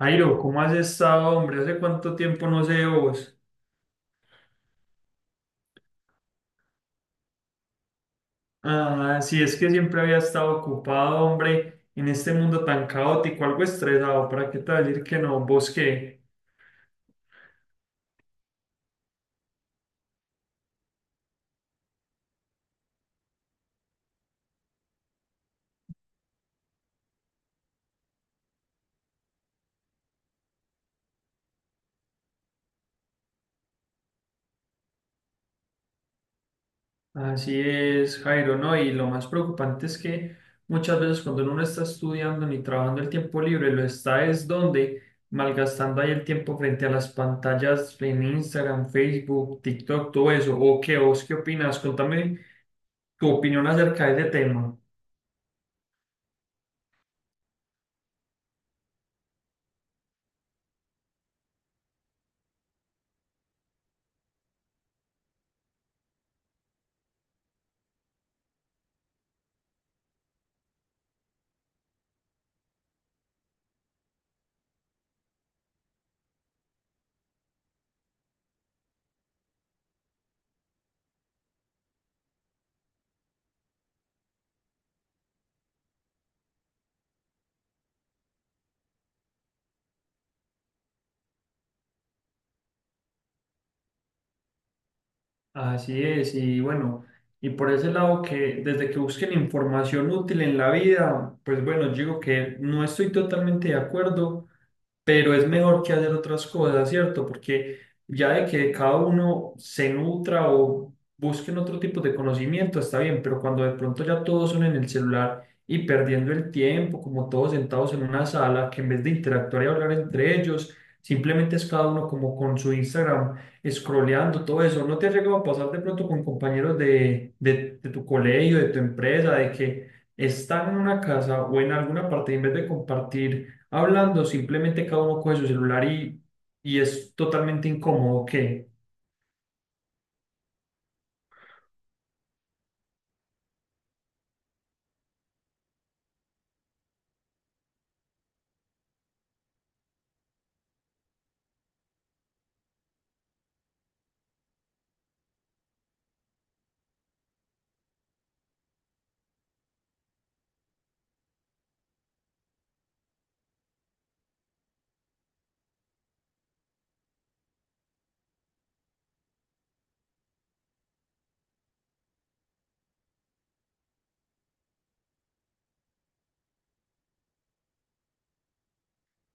Jairo, ¿cómo has estado, hombre? ¿Hace cuánto tiempo no sé de vos? Ah, sí, es que siempre había estado ocupado, hombre, en este mundo tan caótico, algo estresado, ¿para qué te voy a decir que no? ¿Vos qué? Así es, Jairo, ¿no? Y lo más preocupante es que muchas veces cuando uno no está estudiando ni trabajando el tiempo libre, lo está es donde malgastando ahí el tiempo frente a las pantallas en Instagram, Facebook, TikTok, todo eso. ¿O qué? ¿Vos qué opinas? Contame tu opinión acerca de ese tema. Así es, y bueno, y por ese lado que desde que busquen información útil en la vida, pues bueno, yo digo que no estoy totalmente de acuerdo, pero es mejor que hacer otras cosas, ¿cierto? Porque ya de que cada uno se nutra o busquen otro tipo de conocimiento, está bien, pero cuando de pronto ya todos son en el celular y perdiendo el tiempo, como todos sentados en una sala, que en vez de interactuar y hablar entre ellos, simplemente es cada uno como con su Instagram scrolleando todo eso. ¿No te ha llegado a pasar de pronto con compañeros de tu colegio, de tu empresa, de que están en una casa o en alguna parte y en vez de compartir hablando, simplemente cada uno coge su celular y es totalmente incómodo? ¿Qué?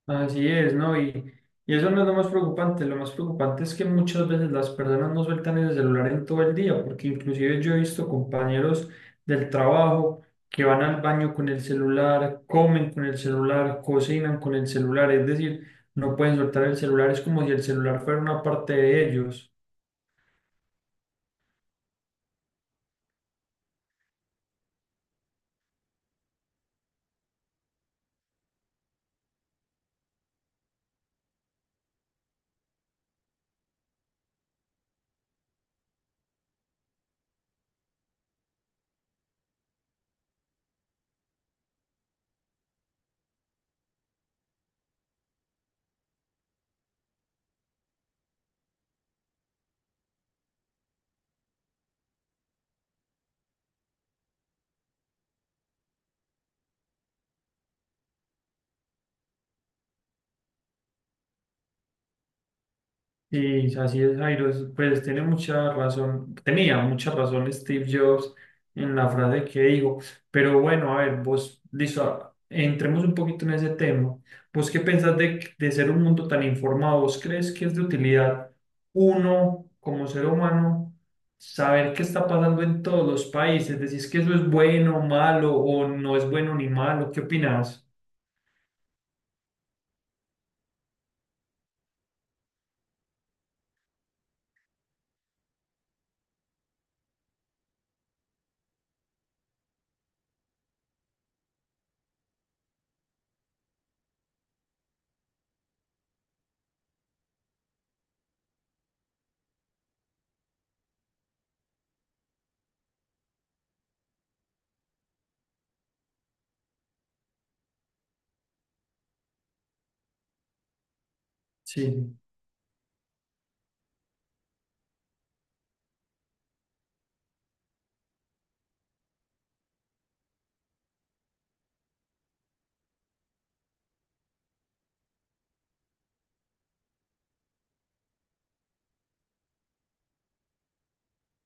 Así es, ¿no? Y eso no es lo más preocupante. Lo más preocupante es que muchas veces las personas no sueltan el celular en todo el día, porque inclusive yo he visto compañeros del trabajo que van al baño con el celular, comen con el celular, cocinan con el celular, es decir, no pueden soltar el celular, es como si el celular fuera una parte de ellos. Sí, así es, Jairo, es- pues tiene mucha razón, tenía mucha razón Steve Jobs en la frase que dijo, pero bueno, a ver, vos, listo, a- entremos un poquito en ese tema. ¿Vos qué pensás de ser un mundo tan informado? ¿Vos crees que es de utilidad uno como ser humano saber qué está pasando en todos los países? ¿Decís que eso es bueno, malo o no es bueno ni malo? ¿Qué opinás? Sí.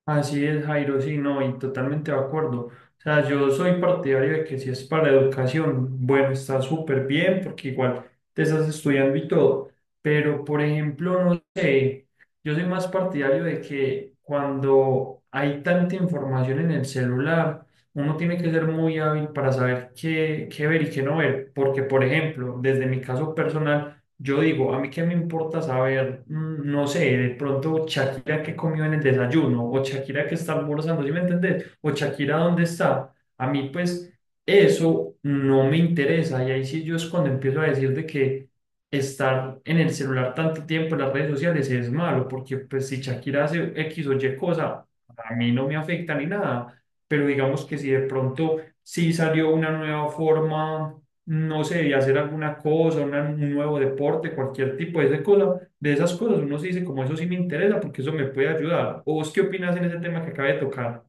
Así es, Jairo, sí, no, y totalmente de acuerdo. O sea, yo soy partidario de que si es para educación, bueno, está súper bien, porque igual te estás estudiando y todo. Pero, por ejemplo, no sé, yo soy más partidario de que cuando hay tanta información en el celular, uno tiene que ser muy hábil para saber qué ver y qué no ver. Porque, por ejemplo, desde mi caso personal, yo digo, a mí qué me importa saber, no sé, de pronto Shakira qué comió en el desayuno, o Shakira qué está almorzando, ¿sí me entendés? O Shakira dónde está. A mí, pues, eso no me interesa. Y ahí sí yo es cuando empiezo a decir de que estar en el celular tanto tiempo en las redes sociales es malo, porque pues si Shakira hace X o Y cosa, a mí no me afecta ni nada. Pero digamos que si de pronto sí salió una nueva forma no sé, y hacer alguna cosa, una- un nuevo deporte, cualquier tipo de, esa cosa, de esas cosas, uno se dice como eso sí me interesa porque eso me puede ayudar. ¿O vos qué opinas en ese tema que acabé de tocar?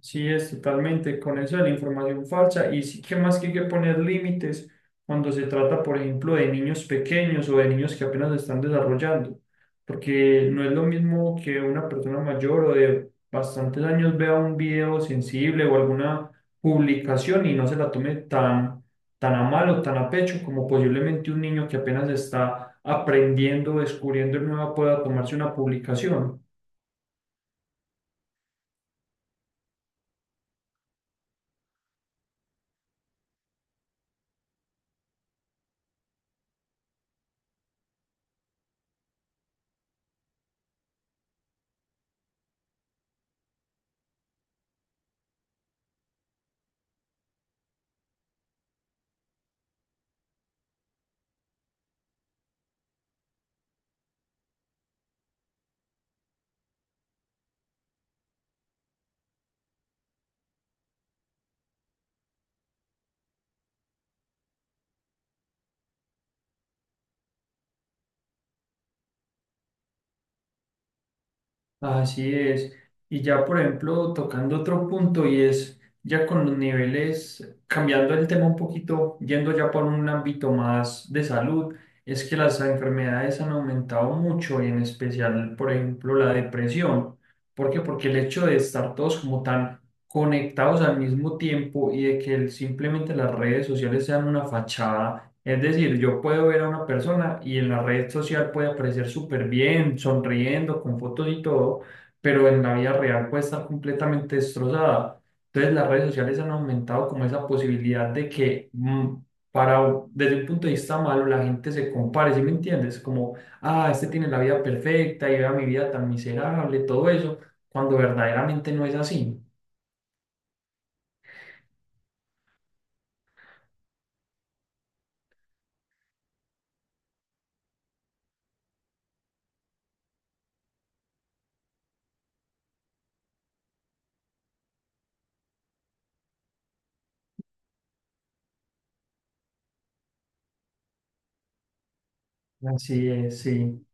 Sí, es totalmente con eso de la información falsa y sí que más que hay que poner límites cuando se trata, por ejemplo, de niños pequeños o de niños que apenas se están desarrollando, porque no es lo mismo que una persona mayor o de bastantes años vea un video sensible o alguna publicación y no se la tome tan, tan a mal o tan a pecho como posiblemente un niño que apenas está aprendiendo, descubriendo y nueva pueda tomarse una publicación. Así es. Y ya, por ejemplo, tocando otro punto y es ya con los niveles, cambiando el tema un poquito, yendo ya por un ámbito más de salud, es que las enfermedades han aumentado mucho y en especial, por ejemplo, la depresión. ¿Por qué? Porque el hecho de estar todos como tan conectados al mismo tiempo y de que el- simplemente las redes sociales sean una fachada es decir, yo puedo ver a una persona y en la red social puede aparecer súper bien, sonriendo, con fotos y todo, pero en la vida real puede estar completamente destrozada. Entonces las redes sociales han aumentado como esa posibilidad de que para, desde un punto de vista malo la gente se compare, ¿sí me entiendes? Como, ah, este tiene la vida perfecta y vea mi vida tan miserable, todo eso, cuando verdaderamente no es así. Así es, sí.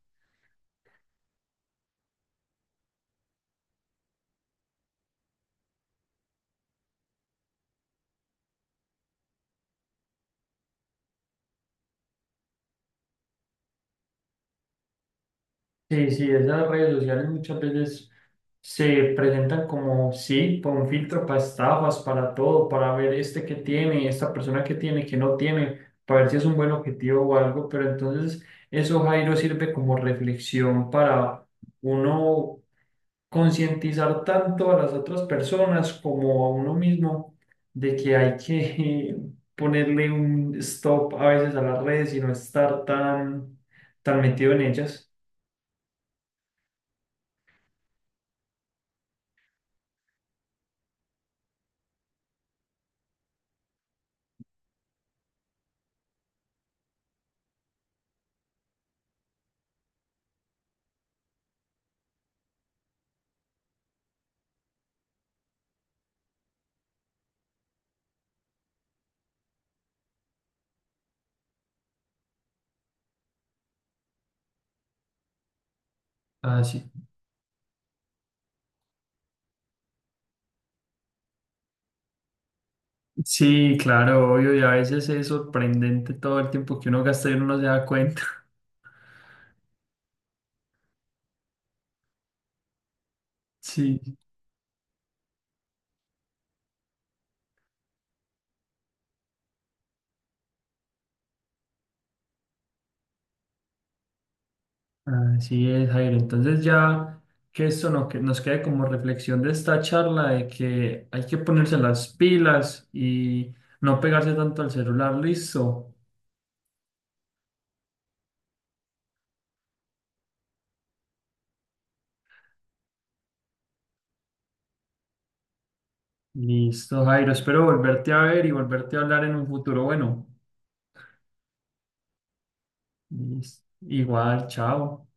Sí, sí, esas redes sociales muchas veces se presentan como, sí, con un filtro para estafas, para todo, para ver este que tiene, esta persona que tiene, que no tiene, para ver si es un buen objetivo o algo, pero entonces eso, Jairo, sirve como reflexión para uno concientizar tanto a las otras personas como a uno mismo de que hay que ponerle un stop a veces a las redes y no estar tan, tan metido en ellas. Así sí, claro, obvio, y a veces es sorprendente todo el tiempo que uno gasta y uno no se da cuenta. Sí, así es, Jairo. Entonces ya que esto no, que nos quede como reflexión de esta charla de que hay que ponerse las pilas y no pegarse tanto al celular, listo. Listo, Jairo. Espero volverte a ver y volverte a hablar en un futuro. Bueno, listo. Igual, chao.